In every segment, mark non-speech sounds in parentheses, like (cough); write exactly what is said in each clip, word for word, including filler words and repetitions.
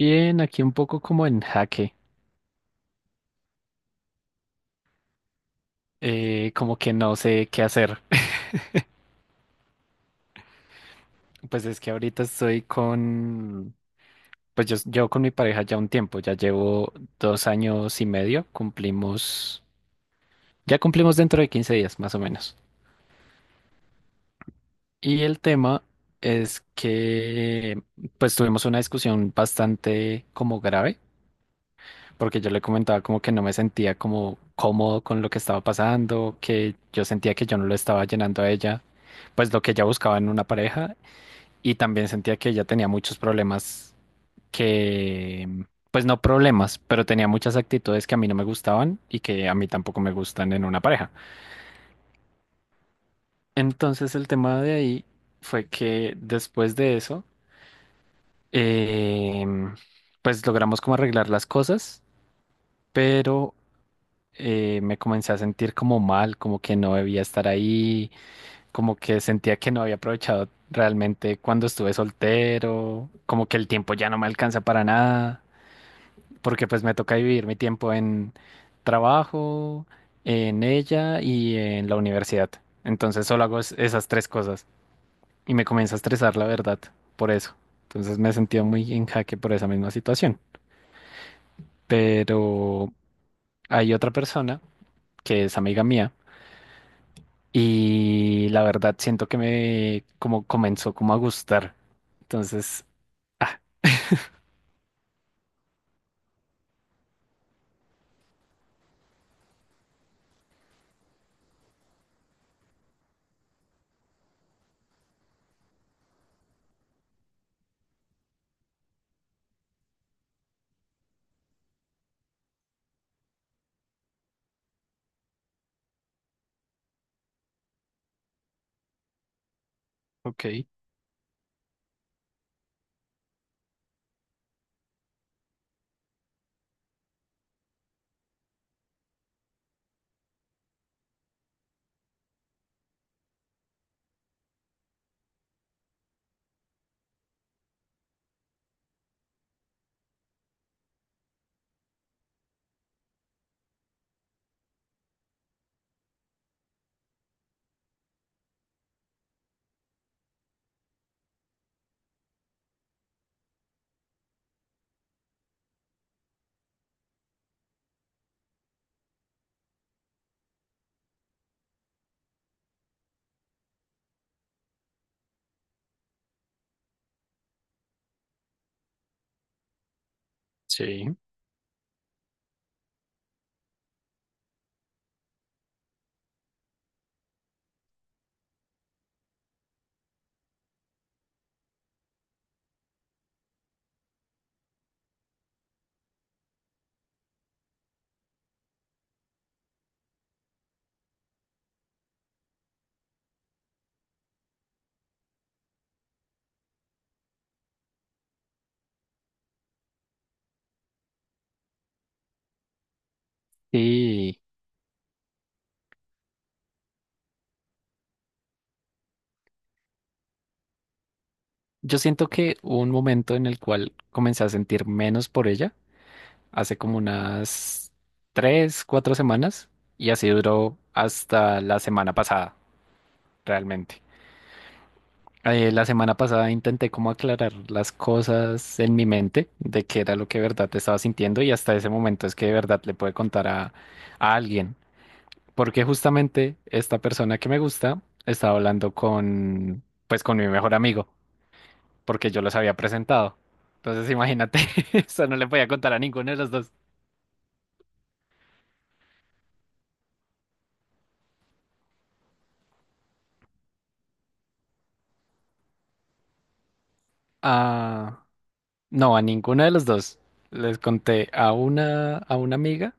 Bien, aquí un poco como en jaque, eh, como que no sé qué hacer. (laughs) Pues es que ahorita estoy con, pues yo llevo con mi pareja ya un tiempo, ya llevo dos años y medio, cumplimos, ya cumplimos dentro de quince días más o menos. Y el tema es que pues tuvimos una discusión bastante como grave, porque yo le comentaba como que no me sentía como cómodo con lo que estaba pasando, que yo sentía que yo no lo estaba llenando a ella pues lo que ella buscaba en una pareja y también sentía que ella tenía muchos problemas que, pues no problemas, pero tenía muchas actitudes que a mí no me gustaban y que a mí tampoco me gustan en una pareja. Entonces el tema de ahí fue que después de eso, em, pues logramos como arreglar las cosas, pero eh, me comencé a sentir como mal, como que no debía estar ahí, como que sentía que no había aprovechado realmente cuando estuve soltero, como que el tiempo ya no me alcanza para nada. Porque pues me toca vivir mi tiempo en trabajo, en ella y en la universidad. Entonces solo hago es- esas tres cosas y me comienza a estresar, la verdad, por eso. Entonces me he sentido muy en jaque por esa misma situación. Pero hay otra persona que es amiga mía y la verdad siento que me como comenzó como a gustar. Entonces, ah, ok, sí. Y yo siento que hubo un momento en el cual comencé a sentir menos por ella hace como unas tres, cuatro semanas y así duró hasta la semana pasada, realmente. Eh, la semana pasada intenté como aclarar las cosas en mi mente de qué era lo que de verdad estaba sintiendo y hasta ese momento es que de verdad le pude contar a, a alguien. Porque justamente esta persona que me gusta estaba hablando con, pues con mi mejor amigo, porque yo los había presentado. Entonces imagínate, (laughs) eso no le podía contar a ninguno de los dos. Ah, no, a ninguna de las dos. Les conté a una, a una amiga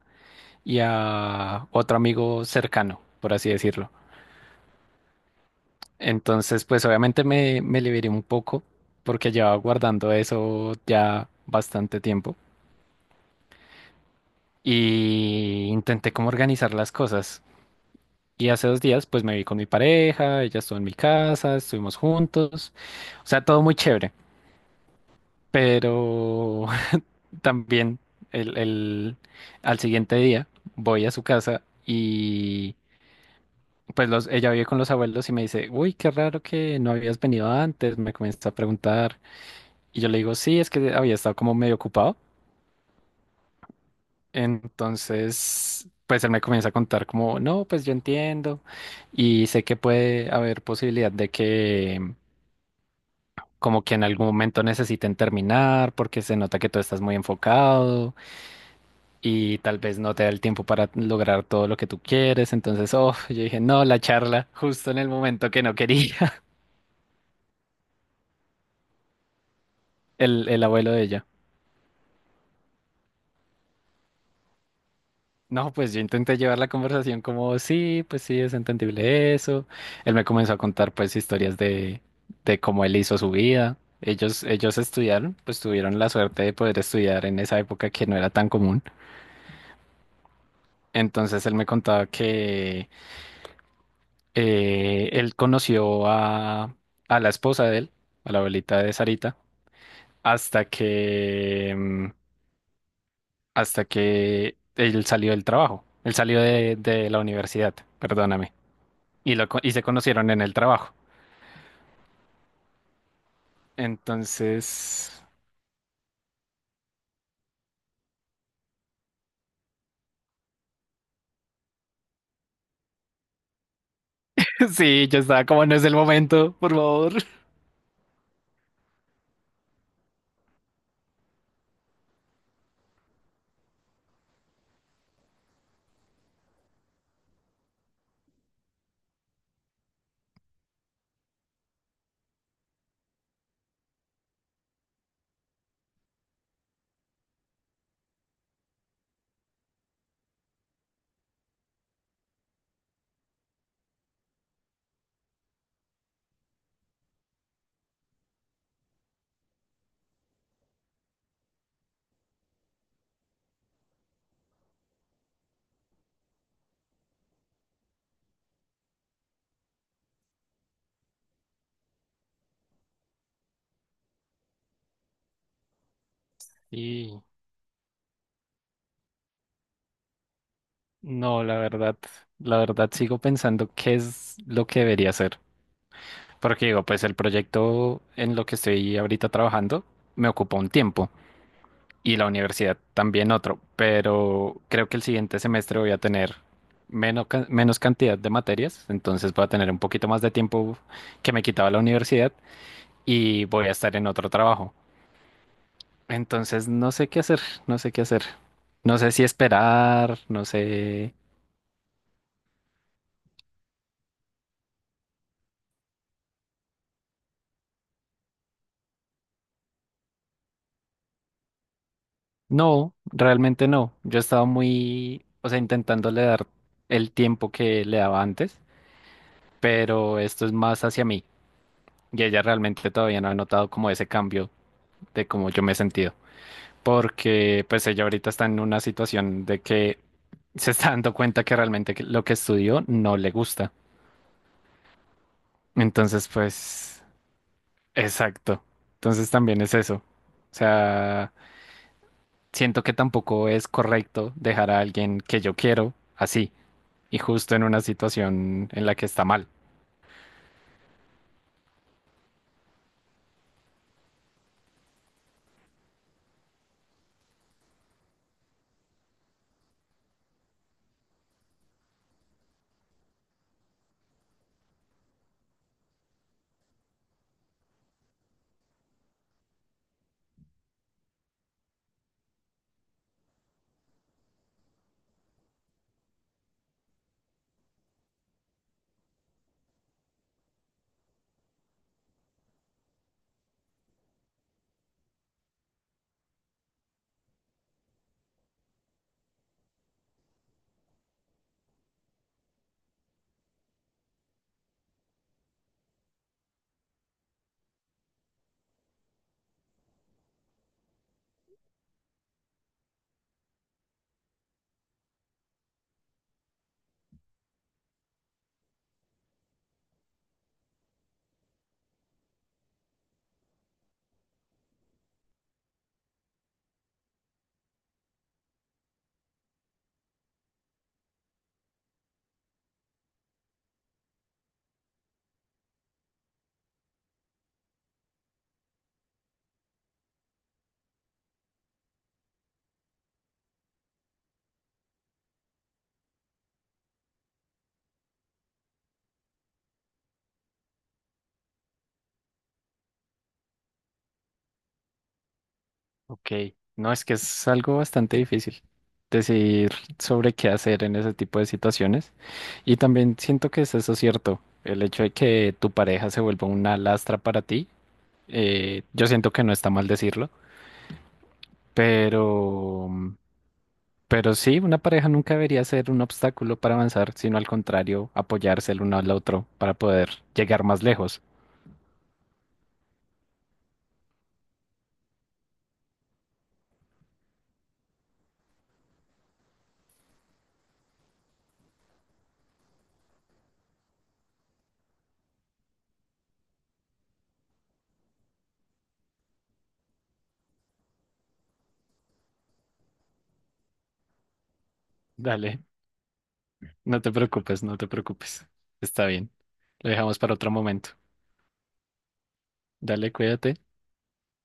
y a otro amigo cercano, por así decirlo. Entonces, pues obviamente me, me liberé un poco porque llevaba guardando eso ya bastante tiempo y intenté como organizar las cosas. Y hace dos días, pues me vi con mi pareja, ella estuvo en mi casa, estuvimos juntos, o sea, todo muy chévere, pero también el, el- al siguiente día voy a su casa y pues los, ella vive con los abuelos y me dice, uy, qué raro que no habías venido antes, me comienza a preguntar y yo le digo, sí, es que había estado como medio ocupado. Entonces, pues él me comienza a contar como, no, pues yo entiendo y sé que puede haber posibilidad de que como que en algún momento necesiten terminar porque se nota que tú estás muy enfocado, y tal vez no te da el tiempo para lograr todo lo que tú quieres. Entonces, oh, yo dije, no, la charla, justo en el momento que no quería. (laughs) el, el abuelo de ella. No, pues yo intenté llevar la conversación como, sí, pues sí, es entendible eso. Él me comenzó a contar pues historias de, de cómo él hizo su vida. Ellos, ellos estudiaron, pues tuvieron la suerte de poder estudiar en esa época que no era tan común. Entonces él me contaba que eh, él conoció a, a la esposa de él, a la abuelita de Sarita, hasta que, mm, hasta que él salió del trabajo, él salió de, de la universidad, perdóname, y, lo, co- y se conocieron en el trabajo. Entonces, (laughs) sí, yo estaba como no es el momento, por favor. Y no, la verdad, la verdad, sigo pensando qué es lo que debería hacer. Porque digo, pues el proyecto en lo que estoy ahorita trabajando me ocupa un tiempo. Y la universidad también otro, pero creo que el siguiente semestre voy a tener menos, ca- menos cantidad de materias, entonces voy a tener un poquito más de tiempo que me quitaba la universidad y voy a estar en otro trabajo. Entonces no sé qué hacer, no sé qué hacer. No sé si esperar, no sé. No, realmente no. Yo he estado muy, o sea, intentándole dar el tiempo que le daba antes, pero esto es más hacia mí y ella realmente todavía no ha notado como ese cambio de cómo yo me he sentido, porque pues ella ahorita está en una situación de que se está dando cuenta que realmente que- lo que estudió no le gusta. Entonces, pues, exacto. Entonces también es eso. O sea, siento que tampoco es correcto dejar a alguien que yo quiero así y justo en una situación en la que está mal. Ok, no es que es algo bastante difícil decidir sobre qué hacer en ese tipo de situaciones. Y también siento que es eso cierto, el hecho de que tu pareja se vuelva una lastra para ti, eh, yo siento que no está mal decirlo, pero, pero sí, una pareja nunca debería ser un obstáculo para avanzar, sino al contrario, apoyarse el uno al otro para poder llegar más lejos. Dale, no te preocupes, no te preocupes. Está bien. Lo dejamos para otro momento. Dale, cuídate.